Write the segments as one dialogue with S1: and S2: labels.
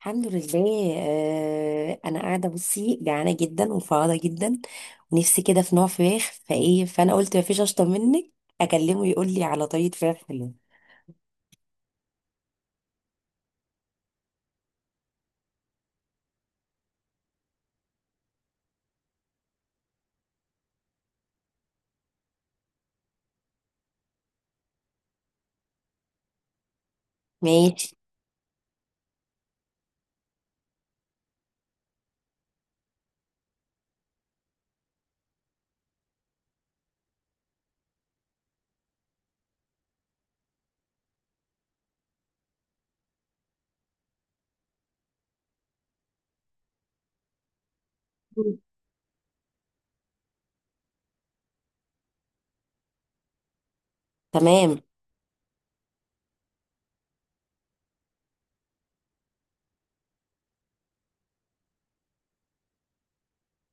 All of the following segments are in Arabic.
S1: الحمد لله. انا قاعده بصي جعانه جدا وفاضه جدا، ونفسي كده في نوع فراخ، فايه فانا قلت مفيش اشطر منك، اكلمه يقول لي على طريقه فراخ حلوه. ماشي. تمام.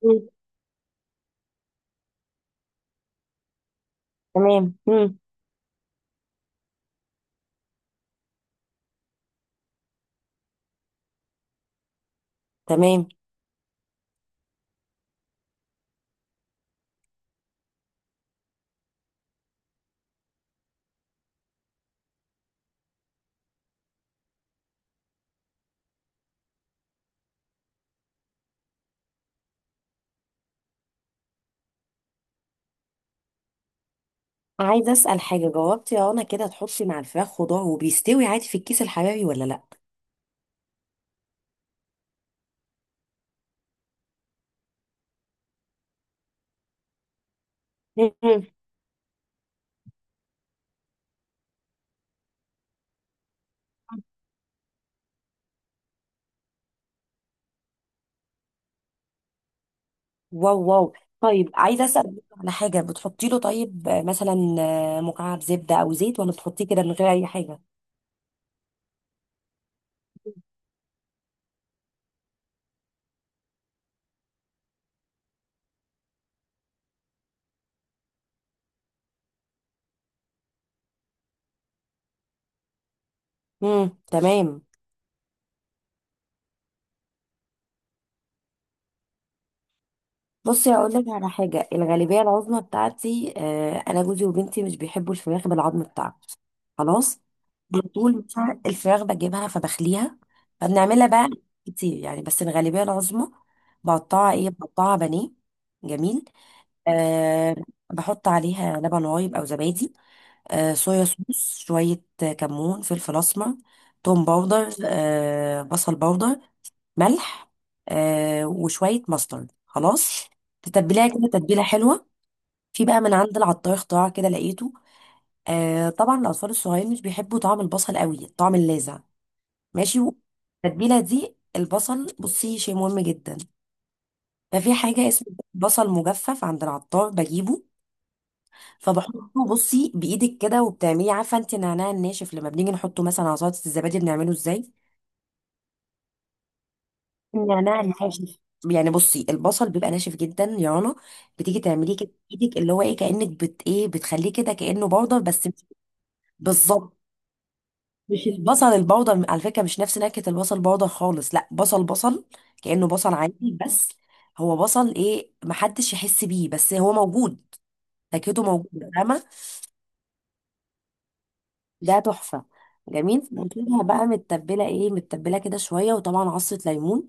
S1: مم. تمام. مم. تمام. عايزه اسال حاجه، جاوبتي يا رنا كده، تحطي مع الفراخ خضار وبيستوي عادي في الكيس الحراري ولا لا؟ مم. واو واو. طيب عايزه اسال على حاجه، بتحطي له طيب مثلا مكعب زبده او زيت، ولا بتحطيه كده من غير اي حاجه؟ تمام. بصي هقول لك على حاجه، الغالبيه العظمى بتاعتي انا جوزي وبنتي مش بيحبوا الفراخ بالعظم بتاعها، خلاص. على طول مثلا الفراخ بجيبها فبخليها، فبنعملها بقى كتير يعني، بس الغالبيه العظمى بقطعها بانيه. جميل. أه. بحط عليها لبن رايب او زبادي، صويا صوص، شوية كمون، فلفل أسمر، توم باودر، بصل باودر، ملح، وشوية ماسترد، خلاص. تتبليها كده تتبيلة حلوة. في بقى من عند العطار اختراع كده لقيته، طبعا الأطفال الصغيرين مش بيحبوا طعم البصل قوي، الطعم اللاذع. ماشي. التتبيلة دي البصل بصي شيء مهم جدا. ففي حاجة اسمها بصل مجفف عند العطار بجيبه. فبحطه بصي بايدك كده، وبتعملي، عارفه انت النعناع الناشف لما بنيجي نحطه مثلا على سلطه الزبادي بنعمله ازاي؟ النعناع الناشف. يعني بصي، البصل بيبقى ناشف جدا يا رنا، بتيجي تعمليه كده بايدك، اللي هو ايه، كانك بت ايه بتخليه كده، كانه بودر بس بالظبط. مش البصل البودر على فكره، مش نفس نكهه البصل بودر خالص، لا، بصل بصل، كانه بصل عادي بس. هو بصل ايه، محدش يحس بيه، بس هو موجود، نكهته موجوده، فاهمه؟ ده تحفة. جميل. بتجيبها بقى متبلة، متبلة كده شوية، وطبعا عصرة ليمون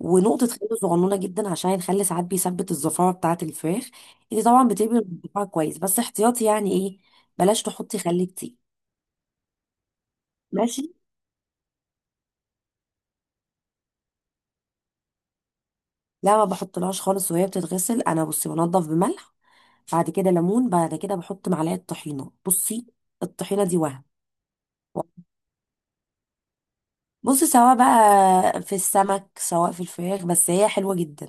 S1: ونقطة خل صغنونة جدا، عشان الخل ساعات بيثبت الزفارة بتاعة الفراخ. انت طبعا بتقلبي الزفارة كويس، بس احتياطي يعني، ايه بلاش تحطي خل كتير. ماشي. لا ما بحطلهاش خالص وهي بتتغسل، انا بصي بنضف بملح، بعد كده ليمون، بعد كده بحط معلقة طحينة. بصي الطحينة دي وهم. بصي سواء بقى في السمك سواء في الفراخ، بس هي حلوة جدا.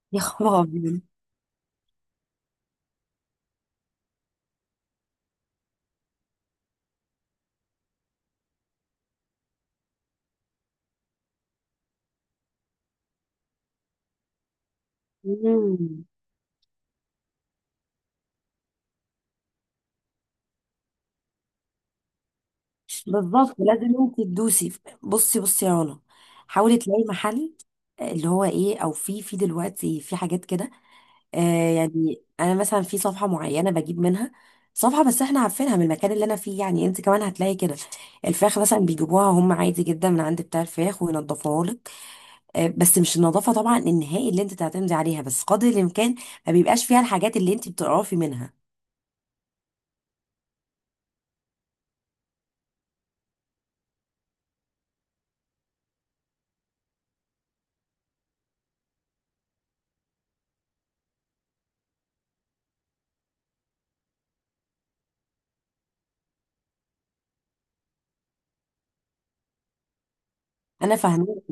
S1: يا خبر أبيض. مم. بالظبط لازم انت تدوسي. بصي بصي يا رنا، حاولي تلاقي محل، اللي هو ايه، او في دلوقتي في حاجات كده. يعني انا مثلا في صفحه معينه بجيب منها، صفحه بس احنا عارفينها من المكان اللي انا فيه، يعني انت كمان هتلاقي كده. الفراخ مثلا بيجيبوها هم عادي جدا من عند بتاع الفراخ وينضفوها لك. بس مش النظافه طبعا النهائي اللي انت تعتمدي عليها، بس قدر الامكان ما بيبقاش فيها الحاجات اللي انت بتقرفي منها. انا فاهمه.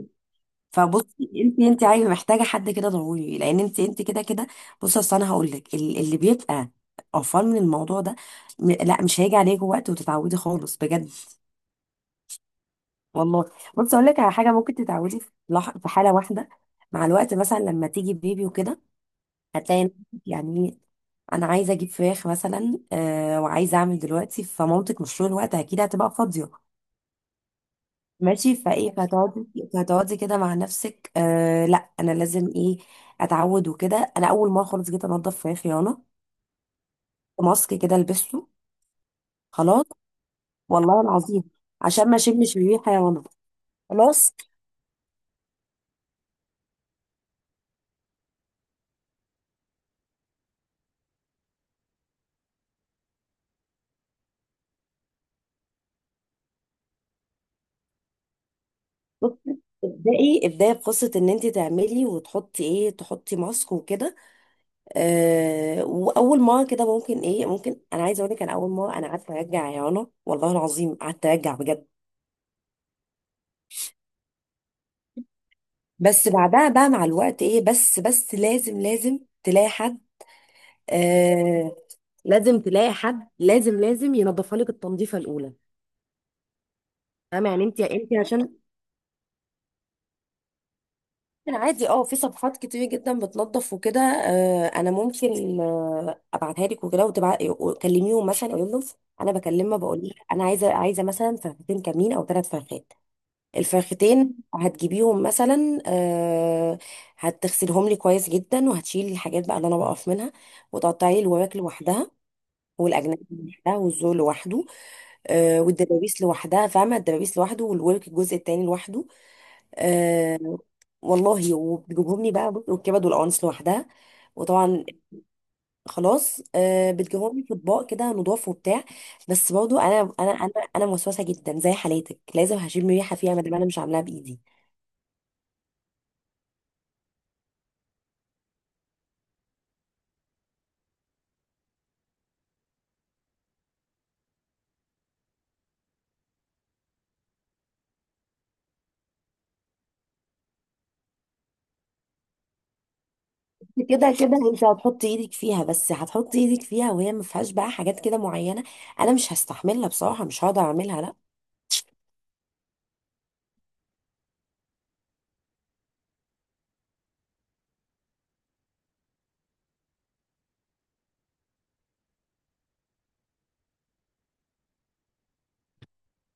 S1: فبصي انت عايزه محتاجه حد كده ضروري، لان انت كده كده. بصي اصل انا هقول لك، اللي بيبقى قرفان من الموضوع ده، لا مش هيجي عليك وقت وتتعودي خالص بجد. والله. بصي اقول لك على حاجه، ممكن تتعودي في حاله واحده، مع الوقت مثلا لما تيجي بيبي وكده، هتلاقي نفسك. يعني انا عايزه اجيب فراخ مثلا وعايزه اعمل دلوقتي، فمامتك مش طول الوقت اكيد هتبقى فاضيه. ماشي فايه، فهتقعدي كده مع نفسك، آه لا انا لازم ايه، اتعود وكده. انا اول مره خالص جيت انضف، في خيانه ماسك كده لبسته خلاص، والله العظيم، عشان ما اشمش بيه حيوانات. خلاص. بصي ابدأي ابدأي بقصة ان انت تعملي وتحطي ايه، تحطي ماسك وكده. واول مرة كده ممكن، ممكن انا عايزه اقول لك، انا اول مرة انا قعدت ارجع يا رنا والله العظيم، قعدت ارجع بجد. بس بعدها بقى مع الوقت ايه، بس بس لازم لازم تلاقي حد. آه لازم تلاقي حد، لازم لازم ينظفها لك التنظيفه الاولى، فاهمه يعني، انت عشان. عادي اه، في صفحات كتير جدا بتنظف وكده. انا ممكن ابعتها لك وكده، وتبعتي وتكلميهم، مثلا اقول لهم، انا بكلمها بقول لها انا عايزه مثلا فرختين كاملين او ثلاث فرخات. الفرختين هتجيبيهم مثلا، هتغسلهم لي كويس جدا، وهتشيلي الحاجات بقى اللي انا بقف منها، وتقطعي الوراك لوحدها، والاجنبي لوحدها، والزول لوحده، والدبابيس لوحدها، فاهمة، الدبابيس لوحده، والورك الجزء التاني لوحده. آه، والله وبتجيبهم لي بقى، بص، والكبد والقوانص لوحدها، وطبعا خلاص بتجيبهم لي في اطباق كده نضاف وبتاع. بس برضه انا موسوسه جدا زي حالاتك، لازم هشم ريحه فيها ما دام انا مش عاملاها بايدي. كده كده انت هتحط ايدك فيها، بس هتحط ايدك فيها وهي ما فيهاش بقى حاجات كده معينه، انا مش هستحملها بصراحه، مش هقدر اعملها لا.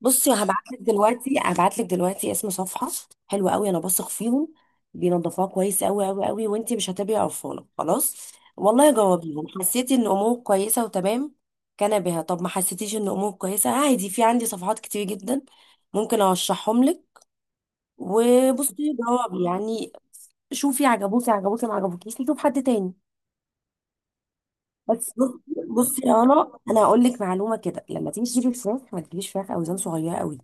S1: بصي هبعتلك دلوقتي، هبعتلك دلوقتي اسم صفحة حلوة قوي انا بثق فيهم، بينظفوها كويس قوي قوي قوي، وانتي مش هتبقي قرفانة خلاص. والله جاوبيهم، حسيتي ان امورك كويسة وتمام كان بها، طب ما حسيتيش ان امورك كويسة، عادي، في عندي صفحات كتير جدا ممكن ارشحهم لك. وبصي جاوبي يعني، شوفي عجبوكي عجبوكي، ما عجبوكيش نشوف حد تاني. بس بصي بصي يا، انا هقول لك معلومة كده، لما تيجي تجيبي الفراخ، ما تجيبيش فراخ اوزان صغيرة قوي.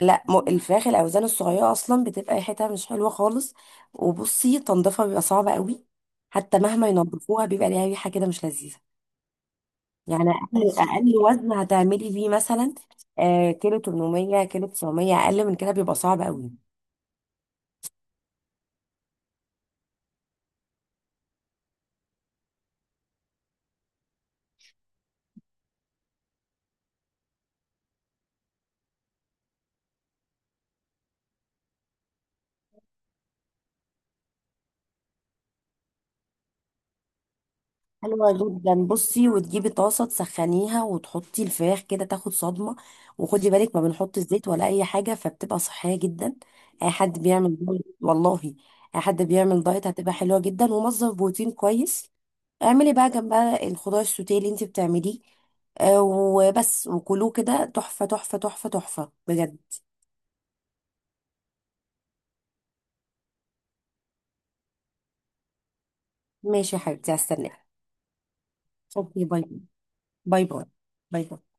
S1: لا الفراخ الاوزان الصغيره اصلا بتبقى ريحتها مش حلوه خالص، وبصي تنظيفها بيبقى صعب قوي، حتى مهما ينظفوها بيبقى ليها ريحه كده مش لذيذه. يعني اقل، ماشي، اقل وزن هتعملي بيه مثلا كيلو 800، كيلو 900، اقل من كده بيبقى صعب قوي. حلوه جدا بصي، وتجيبي طاسه تسخنيها وتحطي الفراخ كده تاخد صدمه، وخدي بالك ما بنحط الزيت ولا اي حاجه، فبتبقى صحيه جدا. اي حد بيعمل دايت، والله اي حد بيعمل دايت هتبقى حلوه جدا، ومصدر بروتين كويس. اعملي بقى جنبها الخضار السوتيه اللي انت بتعمليه، وبس، وكلوه كده، تحفة تحفة تحفة تحفة بجد. ماشي يا حبيبتي هستناك. اوكي، باي باي، باي باي باي.